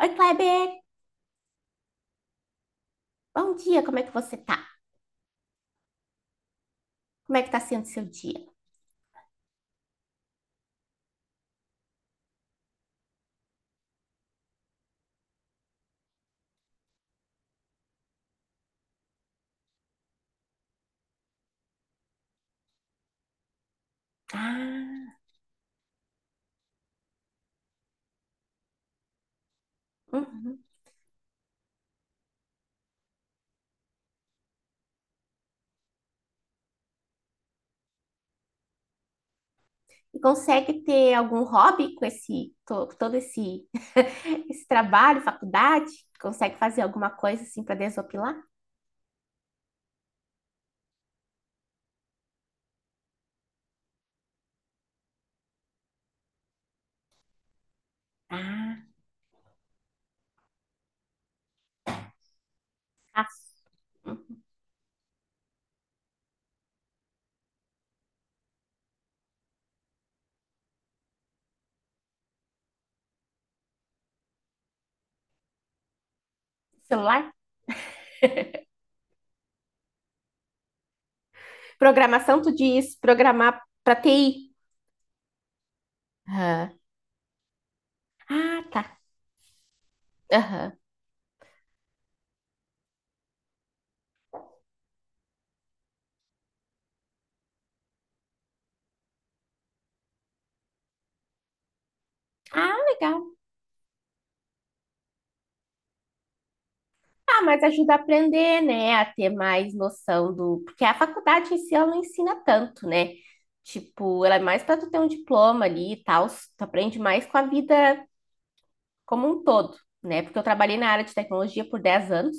Oi, Kleber! Bom dia, como é que você tá? Como é que tá sendo seu dia? Ah, uhum. E consegue ter algum hobby com todo esse esse trabalho, faculdade? Consegue fazer alguma coisa assim para desopilar? Ah, ah, uhum. Celular? Programação, tu diz programar para TI? Aham. Ah, tá. Aham. Ah, legal. Ah, mas ajuda a aprender, né? A ter mais noção do. Porque a faculdade em si, ela não ensina tanto, né? Tipo, ela é mais para tu ter um diploma ali e tal. Tu aprende mais com a vida como um todo, né? Porque eu trabalhei na área de tecnologia por 10 anos,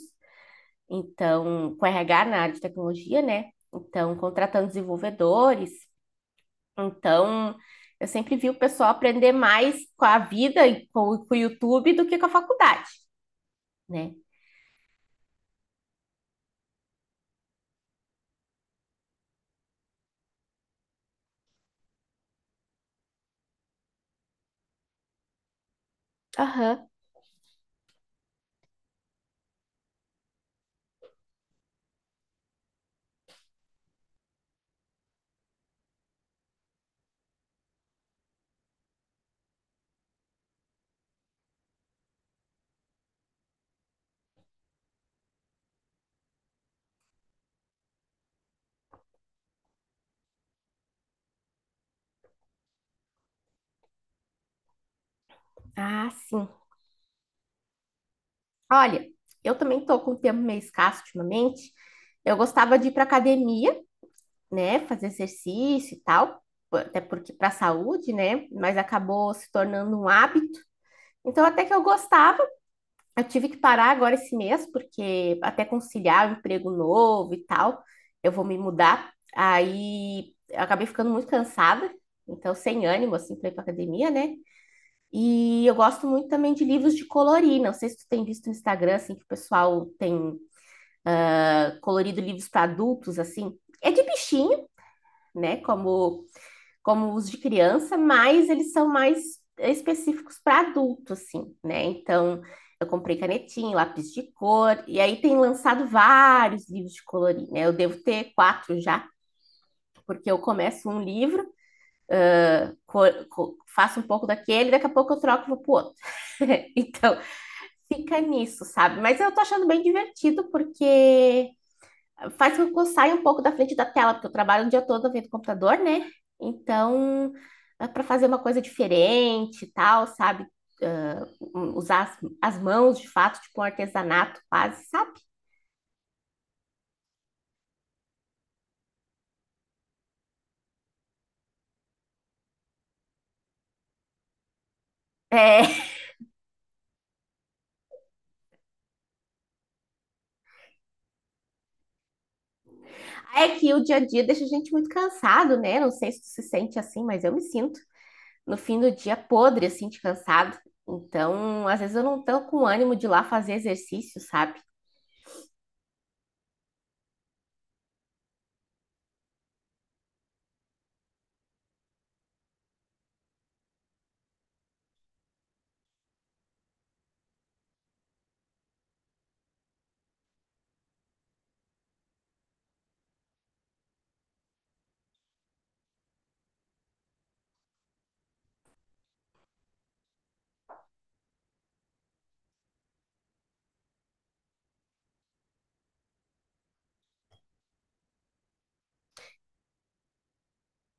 então, com RH na área de tecnologia, né? Então, contratando desenvolvedores. Então, eu sempre vi o pessoal aprender mais com a vida e com o YouTube do que com a faculdade, né? Aham. Ah, sim. Olha, eu também tô com o tempo meio escasso ultimamente. Eu gostava de ir para academia, né, fazer exercício e tal, até porque para a saúde, né, mas acabou se tornando um hábito. Então até que eu gostava. Eu tive que parar agora esse mês porque até conciliar o emprego novo e tal, eu vou me mudar. Aí eu acabei ficando muito cansada, então sem ânimo assim para ir para academia, né? E eu gosto muito também de livros de colorir. Não sei se tu tem visto no Instagram assim que o pessoal tem colorido livros para adultos, assim, é de bichinho, né? Como os de criança, mas eles são mais específicos para adulto, assim, né? Então, eu comprei canetinha, lápis de cor, e aí tem lançado vários livros de colorir, né? Eu devo ter quatro já, porque eu começo um livro, cor, cor, faço um pouco daquele, daqui a pouco eu troco e vou pro outro. Então, fica nisso, sabe? Mas eu tô achando bem divertido, porque faz com que eu saia um pouco da frente da tela, porque eu trabalho o dia todo vendo computador, né? Então, para fazer uma coisa diferente e tal, sabe? Ah, usar as mãos de fato, tipo um artesanato quase, sabe? É, é que o dia a dia deixa a gente muito cansado, né? Não sei se tu se sente assim, mas eu me sinto no fim do dia podre, assim, de cansado. Então, às vezes eu não tô com ânimo de ir lá fazer exercício, sabe?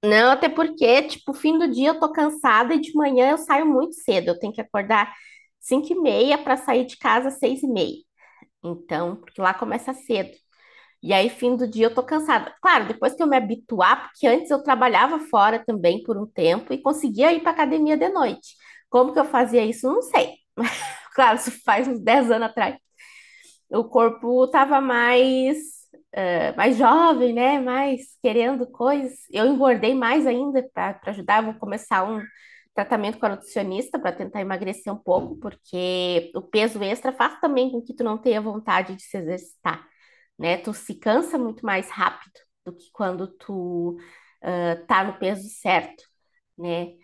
Não, até porque, tipo, fim do dia eu tô cansada e de manhã eu saio muito cedo. Eu tenho que acordar 5 e meia para sair de casa às 6 e meia. Então, porque lá começa cedo. E aí, fim do dia eu tô cansada. Claro, depois que eu me habituar, porque antes eu trabalhava fora também por um tempo e conseguia ir para academia de noite. Como que eu fazia isso? Não sei. Claro, isso faz uns 10 anos atrás o corpo estava mais, mais jovem, né? Mais querendo coisas. Eu engordei mais ainda para ajudar. Vou começar um tratamento com a nutricionista para tentar emagrecer um pouco, porque o peso extra faz também com que tu não tenha vontade de se exercitar, né? Tu se cansa muito mais rápido do que quando tu ah, tá no peso certo, né?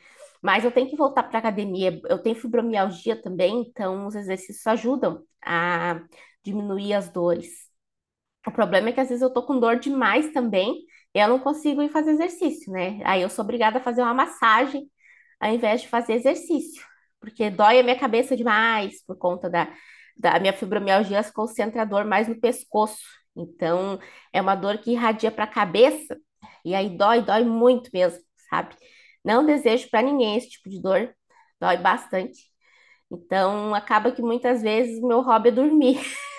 Mas eu tenho que voltar para a academia. Eu tenho fibromialgia também, então os exercícios ajudam a diminuir as dores. O problema é que às vezes eu tô com dor demais também, e eu não consigo ir fazer exercício, né? Aí eu sou obrigada a fazer uma massagem ao invés de fazer exercício, porque dói a minha cabeça demais por conta da minha fibromialgia, se concentra a dor mais no pescoço. Então, é uma dor que irradia para a cabeça e aí dói, dói muito mesmo, sabe? Não desejo para ninguém esse tipo de dor, dói bastante. Então, acaba que muitas vezes o meu hobby é dormir.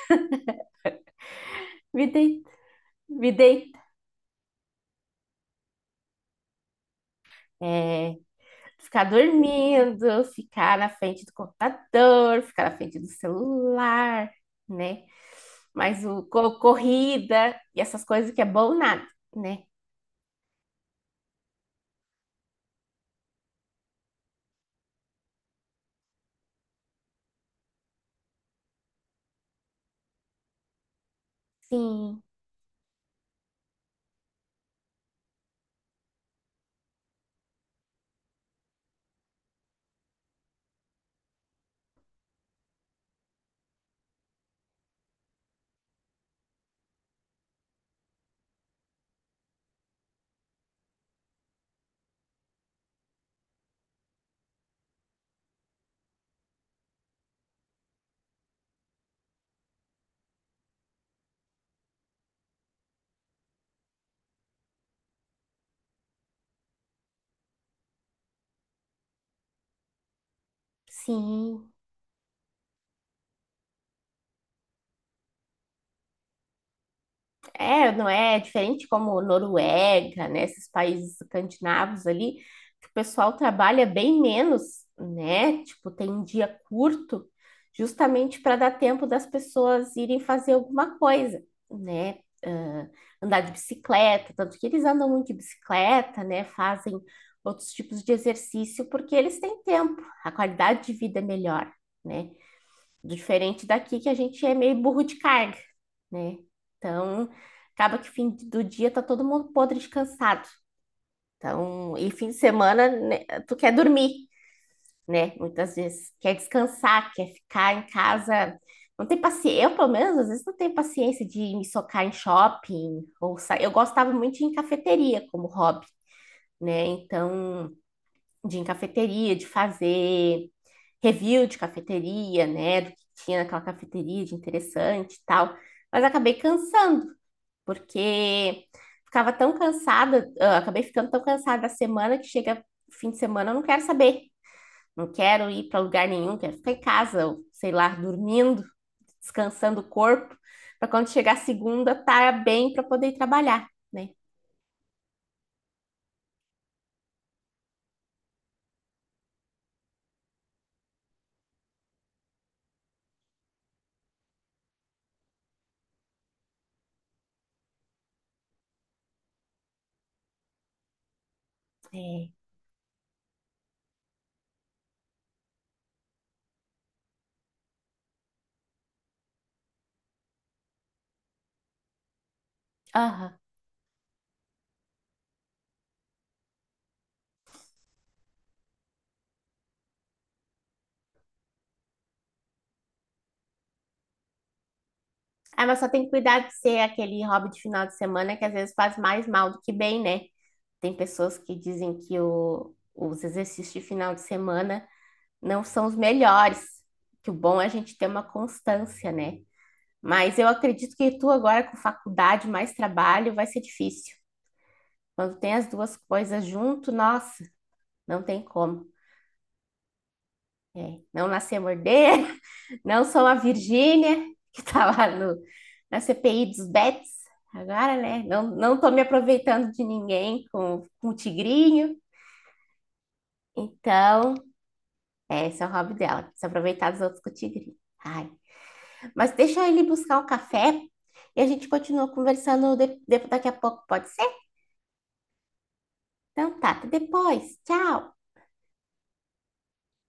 Me deita, me deita. É, ficar dormindo, ficar na frente do computador, ficar na frente do celular, né? Mas o corrida e essas coisas que é bom nada, né? Sim, sim. É, não é diferente como Noruega, né? Esses países escandinavos ali, que o pessoal trabalha bem menos, né? Tipo, tem um dia curto, justamente para dar tempo das pessoas irem fazer alguma coisa, né? Ah, andar de bicicleta, tanto que eles andam muito de bicicleta, né? Fazem outros tipos de exercício, porque eles têm tempo, a qualidade de vida é melhor, né? Diferente daqui que a gente é meio burro de carga, né? Então, acaba que fim do dia tá todo mundo podre descansado. Então, e fim de semana, né, tu quer dormir, né? Muitas vezes quer descansar, quer ficar em casa. Não tem paciência, eu pelo menos às vezes não tenho paciência de me socar em shopping ou sa... Eu gostava muito de ir em cafeteria como hobby, né? Então, de em cafeteria, de fazer review de cafeteria, né? Do que tinha naquela cafeteria de interessante e tal. Mas acabei cansando, porque ficava tão cansada, ah, acabei ficando tão cansada da semana que chega fim de semana, eu não quero saber. Não quero ir para lugar nenhum, quero ficar em casa, ou, sei lá, dormindo, descansando o corpo, para quando chegar a segunda, estar tá bem para poder ir trabalhar, né? É. Aham. Ah, mas só tem que cuidar de ser aquele hobby de final de semana que às vezes faz mais mal do que bem, né? Tem pessoas que dizem que os exercícios de final de semana não são os melhores, que o bom é a gente ter uma constância, né? Mas eu acredito que tu agora com faculdade mais trabalho vai ser difícil. Quando tem as duas coisas junto, nossa, não tem como. É, não nascer morder. Não sou a Virgínia, que está lá no, na CPI dos bets, agora, né? Não, não tô me aproveitando de ninguém com o tigrinho. Então, é, esse é o hobby dela, se aproveitar dos outros com o tigrinho. Ai. Mas deixa ele buscar o café e a gente continua conversando daqui a pouco, pode ser? Então tá, até depois. Tchau!